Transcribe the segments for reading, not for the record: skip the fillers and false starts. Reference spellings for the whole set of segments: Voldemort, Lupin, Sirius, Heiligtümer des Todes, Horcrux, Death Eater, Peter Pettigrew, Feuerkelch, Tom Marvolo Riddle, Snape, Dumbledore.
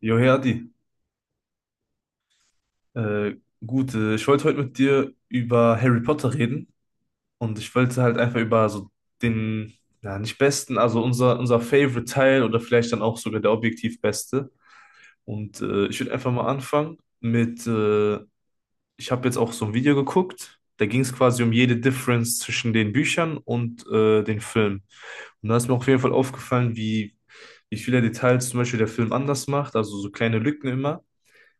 Jo, hey. Äh, gut, Ich wollte heute mit dir über Harry Potter reden, und ich wollte halt einfach über so den, ja, nicht besten, also unser Favorite Teil oder vielleicht dann auch sogar der objektiv beste. Und ich würde einfach mal anfangen mit. Ich habe jetzt auch so ein Video geguckt, da ging es quasi um jede Difference zwischen den Büchern und den Filmen. Und da ist mir auf jeden Fall aufgefallen, wie viele Details zum Beispiel der Film anders macht, also so kleine Lücken immer.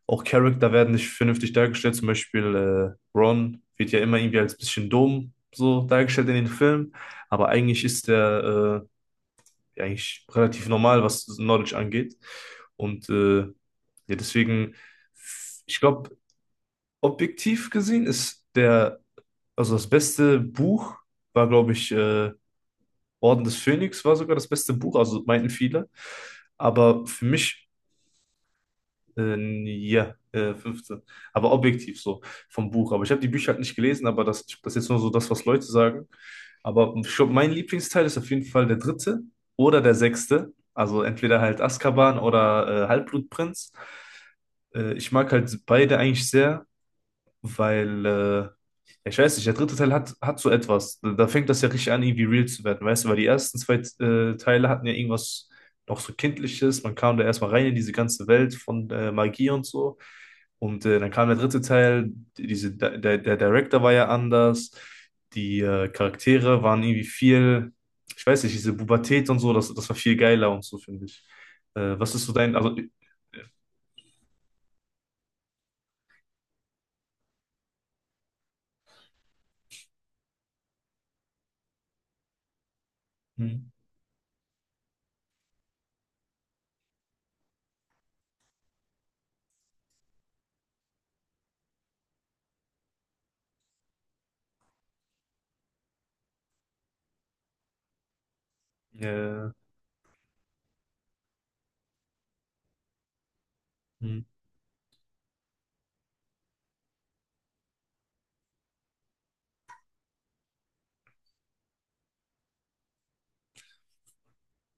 Auch Charakter werden nicht vernünftig dargestellt. Zum Beispiel Ron wird ja immer irgendwie als bisschen dumm so dargestellt in den Filmen, aber eigentlich ist der ja, eigentlich relativ normal, was Knowledge angeht. Und ja, deswegen, ich glaube, objektiv gesehen ist der, also das beste Buch war, glaube ich, Orden des Phönix war sogar das beste Buch, also meinten viele. Aber für mich. Äh, ja, 15. Aber objektiv so vom Buch. Aber ich habe die Bücher halt nicht gelesen, aber das ist jetzt nur so das, was Leute sagen. Aber ich glaub, mein Lieblingsteil ist auf jeden Fall der dritte oder der sechste. Also entweder halt Azkaban oder Halbblutprinz. Ich mag halt beide eigentlich sehr, weil, ja, ich weiß nicht, der dritte Teil hat so etwas. Da fängt das ja richtig an, irgendwie real zu werden, weißt du, weil die ersten zwei Teile hatten ja irgendwas noch so Kindliches. Man kam da erstmal rein in diese ganze Welt von Magie und so. Und dann kam der dritte Teil, der Director war ja anders, die Charaktere waren irgendwie viel, ich weiß nicht, diese Pubertät und so, das war viel geiler und so, finde ich. Was ist so dein, also... Hm. äh, hm.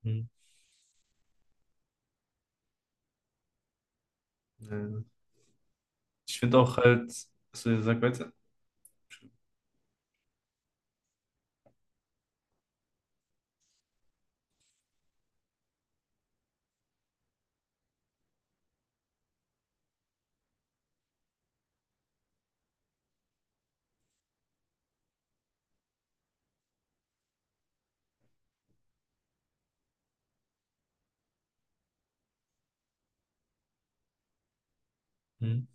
Hm. äh, Ich finde auch halt, also sag weiter. Hm.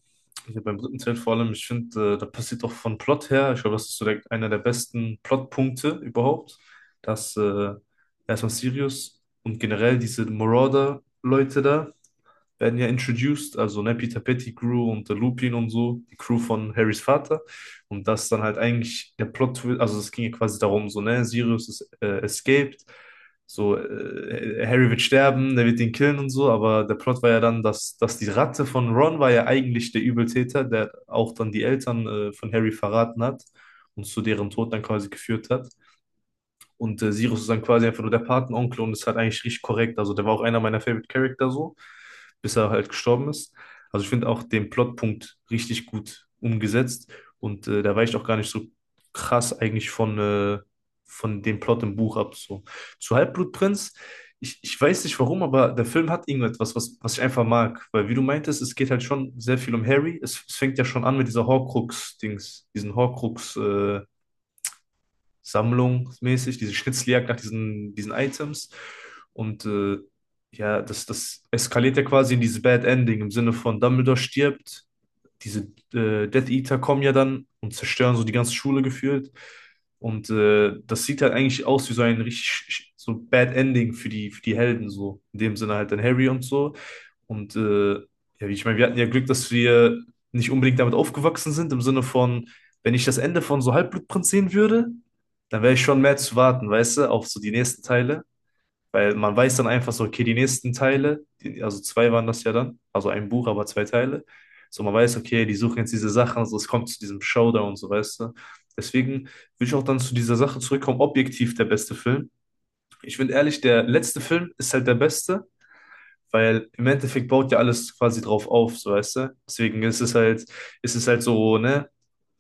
Also beim dritten Teil vor allem, ich finde, da passiert auch von Plot her, ich glaube, das ist so der, einer der besten Plotpunkte überhaupt, dass erstmal Sirius und generell diese Marauder-Leute da, werden ja introduced, also ne, Peter Pettigrew und der Lupin und so, die Crew von Harrys Vater. Und das dann halt eigentlich der Plot, also es ging ja quasi darum, so, ne, Sirius ist escaped, so, Harry wird sterben, der wird ihn killen und so, aber der Plot war ja dann, dass die Ratte von Ron war ja eigentlich der Übeltäter, der auch dann die Eltern von Harry verraten hat und zu deren Tod dann quasi geführt hat. Und Sirius ist dann quasi einfach nur der Patenonkel und ist halt eigentlich richtig korrekt. Also der war auch einer meiner Favorite Character so, bis er halt gestorben ist. Also ich finde auch den Plotpunkt richtig gut umgesetzt, und der weicht auch gar nicht so krass eigentlich von dem Plot im Buch ab. So. Zu Halbblutprinz, ich weiß nicht warum, aber der Film hat irgendetwas, was ich einfach mag. Weil wie du meintest, es geht halt schon sehr viel um Harry. Es fängt ja schon an mit dieser Horcrux-Dings, sammlungsmäßig, diese Schnitzeljagd nach diesen Items. Und ja, das eskaliert ja quasi in dieses Bad Ending im Sinne von Dumbledore stirbt, diese Death Eater kommen ja dann und zerstören so die ganze Schule gefühlt. Und das sieht halt eigentlich aus wie so ein richtig so Bad Ending für die Helden, so. In dem Sinne halt dann Harry und so. Und ja, wie ich meine, wir hatten ja Glück, dass wir nicht unbedingt damit aufgewachsen sind, im Sinne von, wenn ich das Ende von so Halbblutprinz sehen würde, dann wäre ich schon mehr zu warten, weißt du, auf so die nächsten Teile. Weil man weiß dann einfach so, okay, die nächsten Teile, die, also zwei waren das ja dann, also ein Buch, aber zwei Teile. So, man weiß, okay, die suchen jetzt diese Sachen, also es kommt zu diesem Showdown und so, weißt du. Deswegen will ich auch dann zu dieser Sache zurückkommen, objektiv der beste Film. Ich finde ehrlich, der letzte Film ist halt der beste, weil im Endeffekt baut ja alles quasi drauf auf, so, weißt du. Deswegen ist es halt so, ne,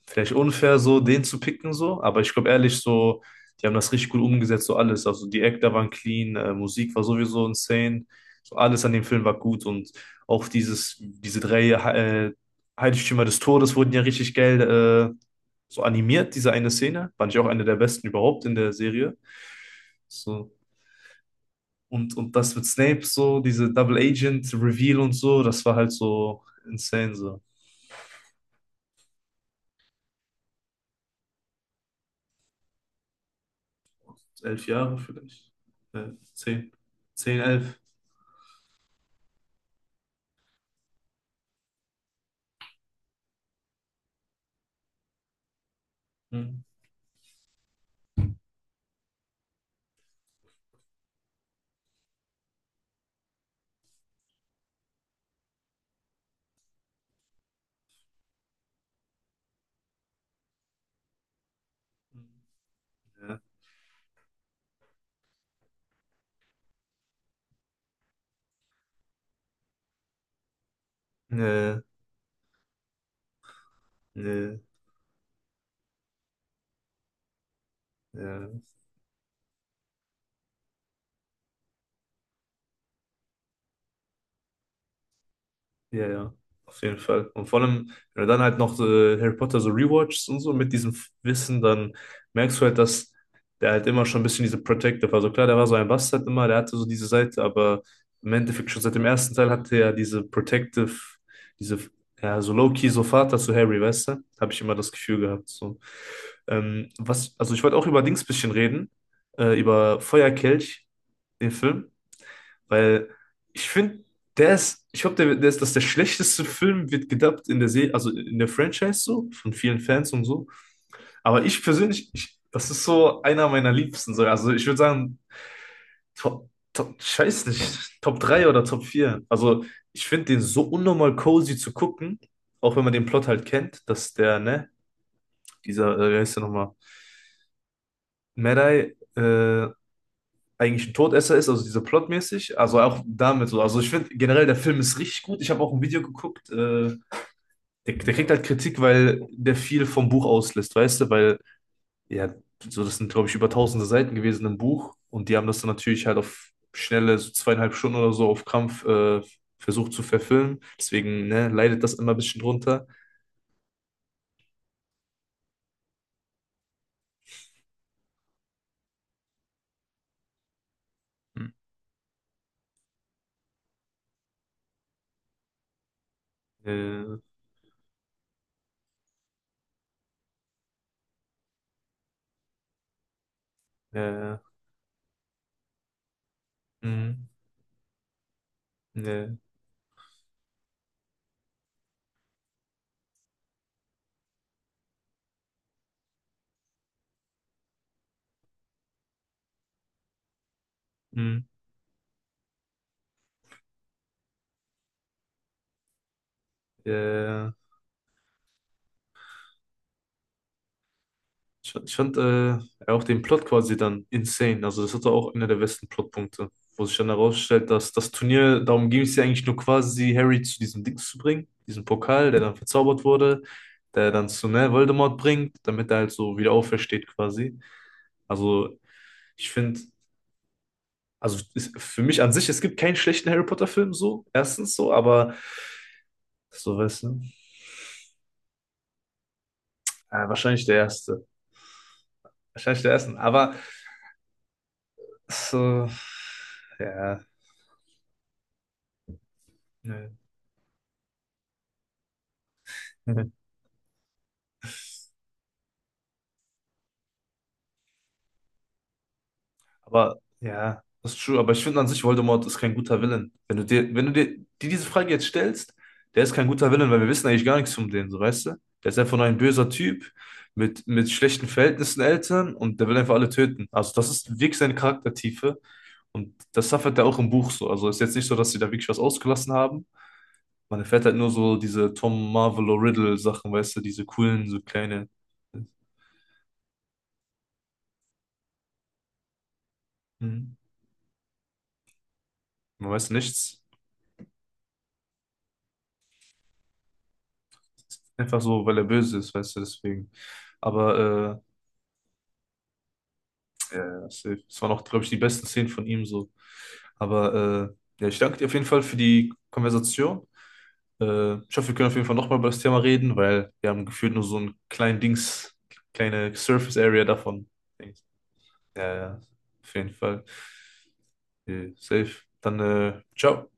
vielleicht unfair, so den zu picken, so. Aber ich glaube ehrlich, so, die haben das richtig gut umgesetzt, so alles. Also die Actor waren clean, Musik war sowieso insane. So alles an dem Film war gut, und auch diese drei Heiligtümer des Todes wurden ja richtig geil so animiert, diese eine Szene. Fand ich auch eine der besten überhaupt in der Serie. So. Und das mit Snape so, diese Double Agent Reveal und so, das war halt so insane so. Elf Jahre vielleicht. Zehn. Zehn, elf. Hm. Ja, ja, ja, ja, ja, ja, auf jeden Fall. Und vor allem, wenn du dann halt noch so Harry Potter so rewatchst und so mit diesem Wissen, dann merkst du halt, dass der halt immer schon ein bisschen diese Protective war. Also klar, der war so ein Bastard immer, der hatte so diese Seite, aber im Endeffekt schon seit dem ersten Teil hatte er diese Protective, diese, ja, so low-key, so Vater zu Harry, weißt du? Habe ich immer das Gefühl gehabt, so. Also ich wollte auch über Dings bisschen reden, über Feuerkelch, den Film. Weil ich finde, der ist, ich glaube, der ist, dass der schlechteste Film wird gedubbt in der Serie, also in der Franchise so, von vielen Fans und so. Aber ich persönlich, ich, das ist so einer meiner Liebsten. So. Also ich würde sagen, Top, ich weiß nicht, Top 3 oder Top vier. Also ich finde den so unnormal cozy zu gucken, auch wenn man den Plot halt kennt, dass der, ne, dieser, wie heißt der nochmal, Medai, eigentlich ein Todesser ist, also dieser plotmäßig, also auch damit so. Also ich finde generell, der Film ist richtig gut. Ich habe auch ein Video geguckt, der kriegt halt Kritik, weil der viel vom Buch auslässt, weißt du, weil, ja, so das sind, glaube ich, über tausende Seiten gewesen im Buch, und die haben das dann natürlich halt auf schnelle, so zweieinhalb Stunden oder so auf Krampf versucht zu verfilmen. Deswegen, ne, leidet das immer ein bisschen drunter. Hm. Äh, äh, Mh. Ne. Mh. äh. Ich fand auch den Plot quasi dann insane. Also das hatte auch einer der besten Plotpunkte, wo sich dann herausstellt, dass das Turnier, darum ging es ja eigentlich nur quasi, Harry zu diesem Dings zu bringen, diesem Pokal, der dann verzaubert wurde, der dann zu, ne, Voldemort bringt, damit er halt so wieder aufersteht quasi. Also ich finde, für mich an sich, es gibt keinen schlechten Harry Potter-Film so, erstens so, aber so, weißt du, ja, wahrscheinlich der erste. Wahrscheinlich der erste, aber so, ja, ne. Aber ja, das ist true. Aber ich finde an sich, Voldemort ist kein guter Villain. Wenn du dir diese Frage jetzt stellst, der ist kein guter Villain, weil wir wissen eigentlich gar nichts von dem, so weißt du? Der ist einfach nur ein böser Typ mit schlechten Verhältnissen Eltern, und der will einfach alle töten. Also das ist wirklich seine Charaktertiefe, und das suffert er auch im Buch so. Also ist jetzt nicht so, dass sie da wirklich was ausgelassen haben. Man erfährt halt nur so diese Tom Marvolo Riddle Sachen, weißt du, diese coolen, so kleine. Mhm. Man weiß nichts. Einfach so, weil er böse ist, weißt du, deswegen. Aber ja, ja, safe. Das waren auch, glaube ich, die besten Szenen von ihm so. Aber ja, ich danke dir auf jeden Fall für die Konversation. Ich hoffe, wir können auf jeden Fall nochmal über das Thema reden, weil wir haben gefühlt nur so ein kleinen Dings, kleine Surface Area davon. Ja, ja, auf jeden Fall. Safe. Dann, ciao.